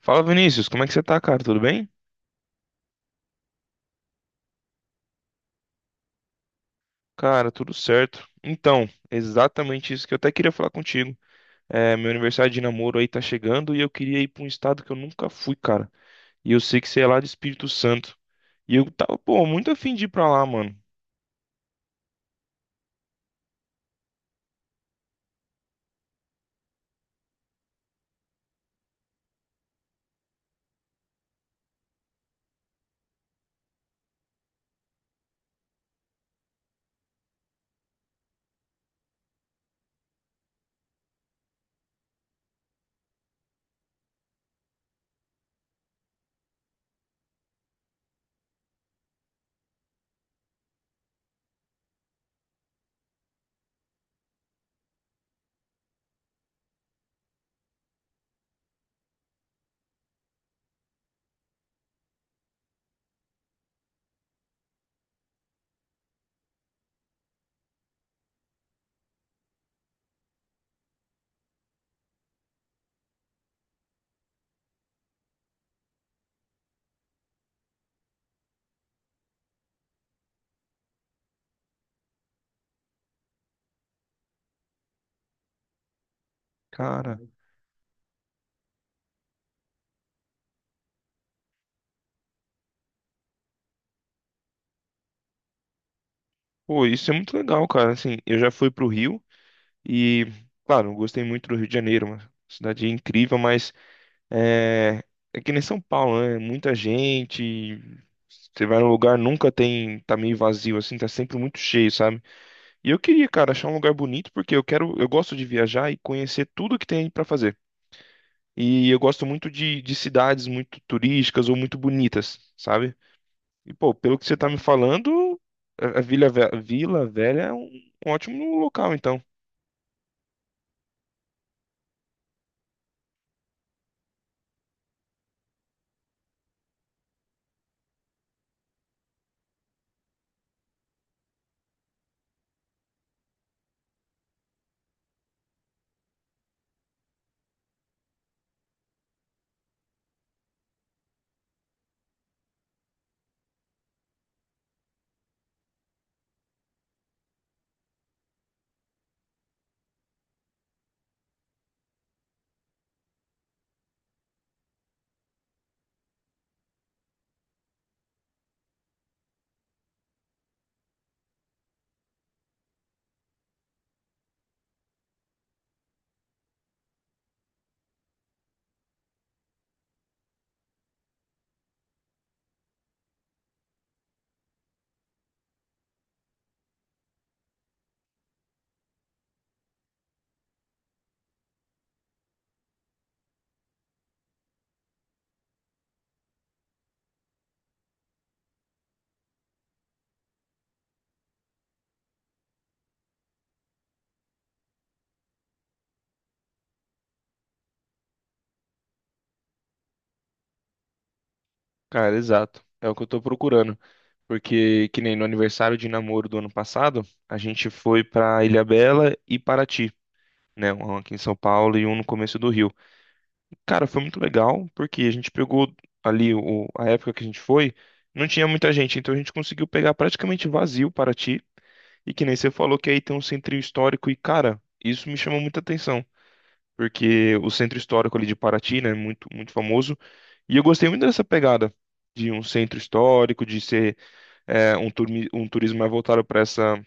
Fala Vinícius, como é que você tá, cara? Tudo bem? Cara, tudo certo. Então, exatamente isso que eu até queria falar contigo. É, meu aniversário de namoro aí tá chegando e eu queria ir pra um estado que eu nunca fui, cara. E eu sei que você é lá de Espírito Santo. E eu tava, pô, muito afim de ir pra lá, mano. Cara, pô, isso é muito legal, cara. Assim, eu já fui pro Rio e, claro, eu gostei muito do Rio de Janeiro, uma cidade incrível, mas É, é que nem São Paulo, né? Muita gente. Você vai num lugar, nunca tem. Tá meio vazio, assim, tá sempre muito cheio, sabe? E eu queria, cara, achar um lugar bonito, porque eu quero. Eu gosto de viajar e conhecer tudo que tem pra fazer. E eu gosto muito de cidades muito turísticas ou muito bonitas, sabe? E, pô, pelo que você tá me falando, a Vila Velha é um, um ótimo local, então. Cara, exato. É o que eu tô procurando. Porque, que nem no aniversário de namoro do ano passado, a gente foi pra Ilhabela e Paraty, né? Um aqui em São Paulo e um no começo do Rio. Cara, foi muito legal, porque a gente pegou ali a época que a gente foi, não tinha muita gente, então a gente conseguiu pegar praticamente vazio Paraty. E que nem você falou que aí tem um centrinho histórico e, cara, isso me chamou muita atenção porque o centro histórico ali de Paraty, né, é muito, muito famoso. E eu gostei muito dessa pegada de um centro histórico, de ser um turismo mais voltado para essa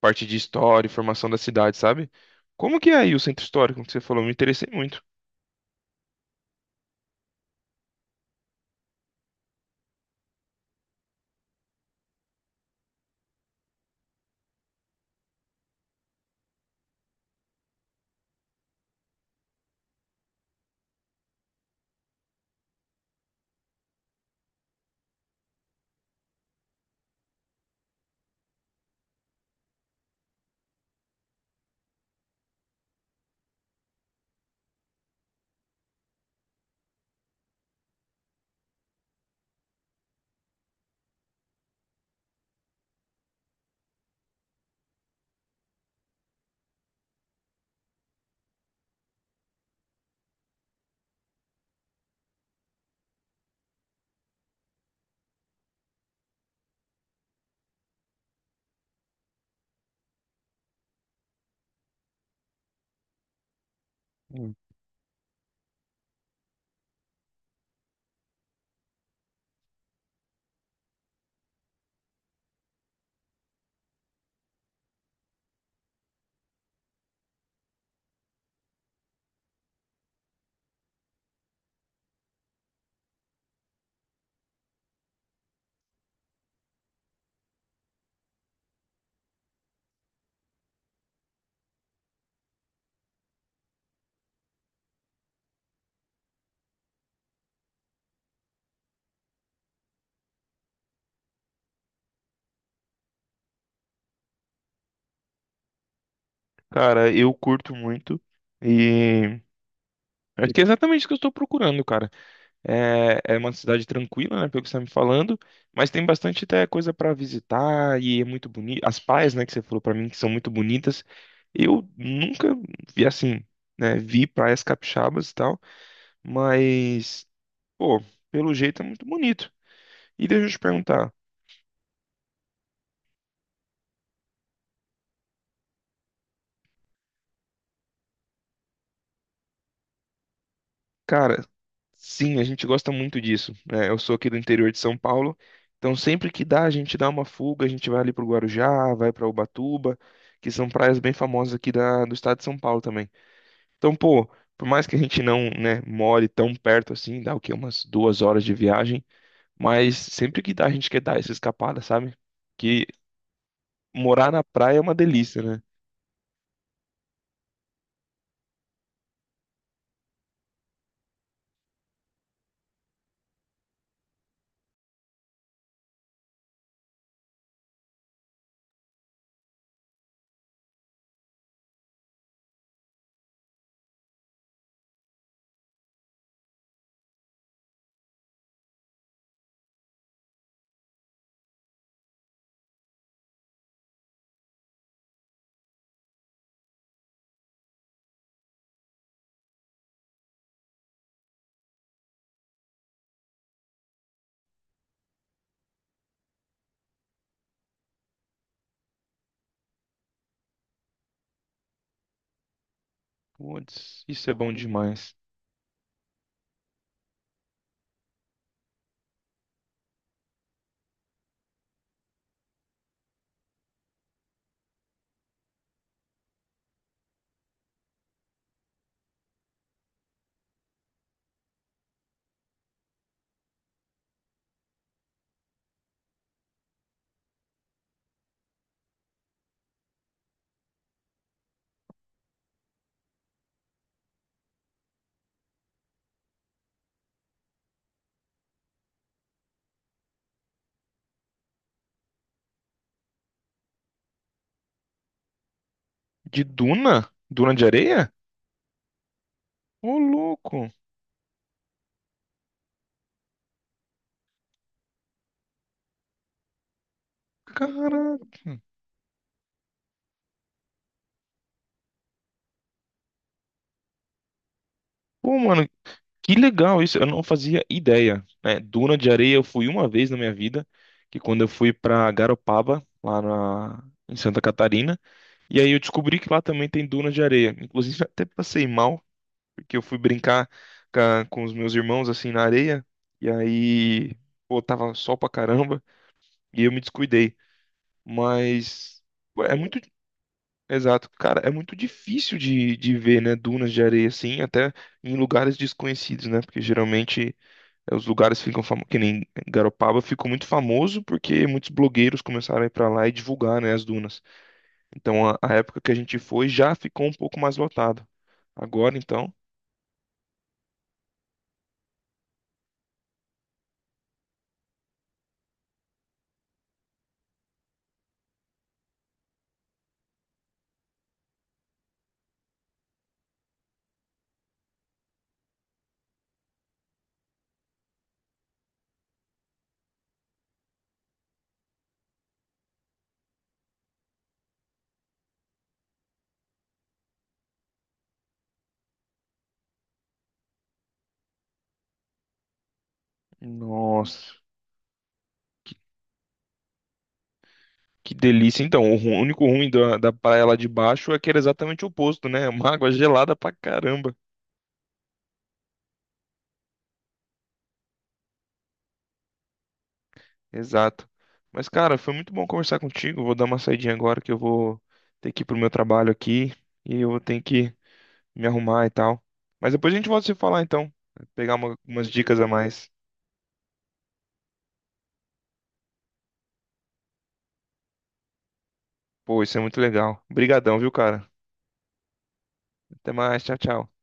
parte de história e formação da cidade, sabe? Como que é aí o centro histórico que você falou? Me interessei muito. Hum. Cara, eu curto muito e acho que é exatamente o que eu estou procurando, cara. É uma cidade tranquila, né, pelo que você está me falando, mas tem bastante até coisa para visitar e é muito bonito. As praias, né, que você falou para mim que são muito bonitas. Eu nunca vi assim, né, vi praias capixabas e tal, mas pô, pelo jeito é muito bonito. E deixa eu te perguntar, cara, sim, a gente gosta muito disso, né? Eu sou aqui do interior de São Paulo, então sempre que dá, a gente dá uma fuga, a gente vai ali pro Guarujá, vai para Ubatuba, que são praias bem famosas aqui do estado de São Paulo também. Então, pô, por mais que a gente não, né, more tão perto assim, dá o quê? Umas 2 horas de viagem, mas sempre que dá, a gente quer dar essa escapada, sabe? Que morar na praia é uma delícia, né? Putz, isso é bom demais. De duna? Duna de areia? Ô, louco! Caraca! Pô, mano, que legal isso, eu não fazia ideia, né? Duna de areia eu fui uma vez na minha vida, que quando eu fui pra Garopaba, lá na... em Santa Catarina, e aí eu descobri que lá também tem dunas de areia. Inclusive, até passei mal, porque eu fui brincar com os meus irmãos assim na areia. E aí, pô, tava sol pra caramba e eu me descuidei. Mas pô, é muito. Exato, cara, é muito difícil de ver, né, dunas de areia assim, até em lugares desconhecidos, né? Porque geralmente os lugares ficam famosos, que nem Garopaba ficou muito famoso porque muitos blogueiros começaram a ir pra lá e divulgar, né, as dunas. Então, a época que a gente foi já ficou um pouco mais lotado. Agora, então, nossa, que delícia. Então, único ruim da praia lá de baixo é que era exatamente o oposto, né? Uma água gelada pra caramba. Exato. Mas, cara, foi muito bom conversar contigo. Vou dar uma saidinha agora que eu vou ter que ir pro meu trabalho aqui e eu tenho que me arrumar e tal. Mas depois a gente volta a se falar, então. Pegar umas dicas a mais. Pô, isso é muito legal. Obrigadão, viu, cara? Até mais. Tchau, tchau.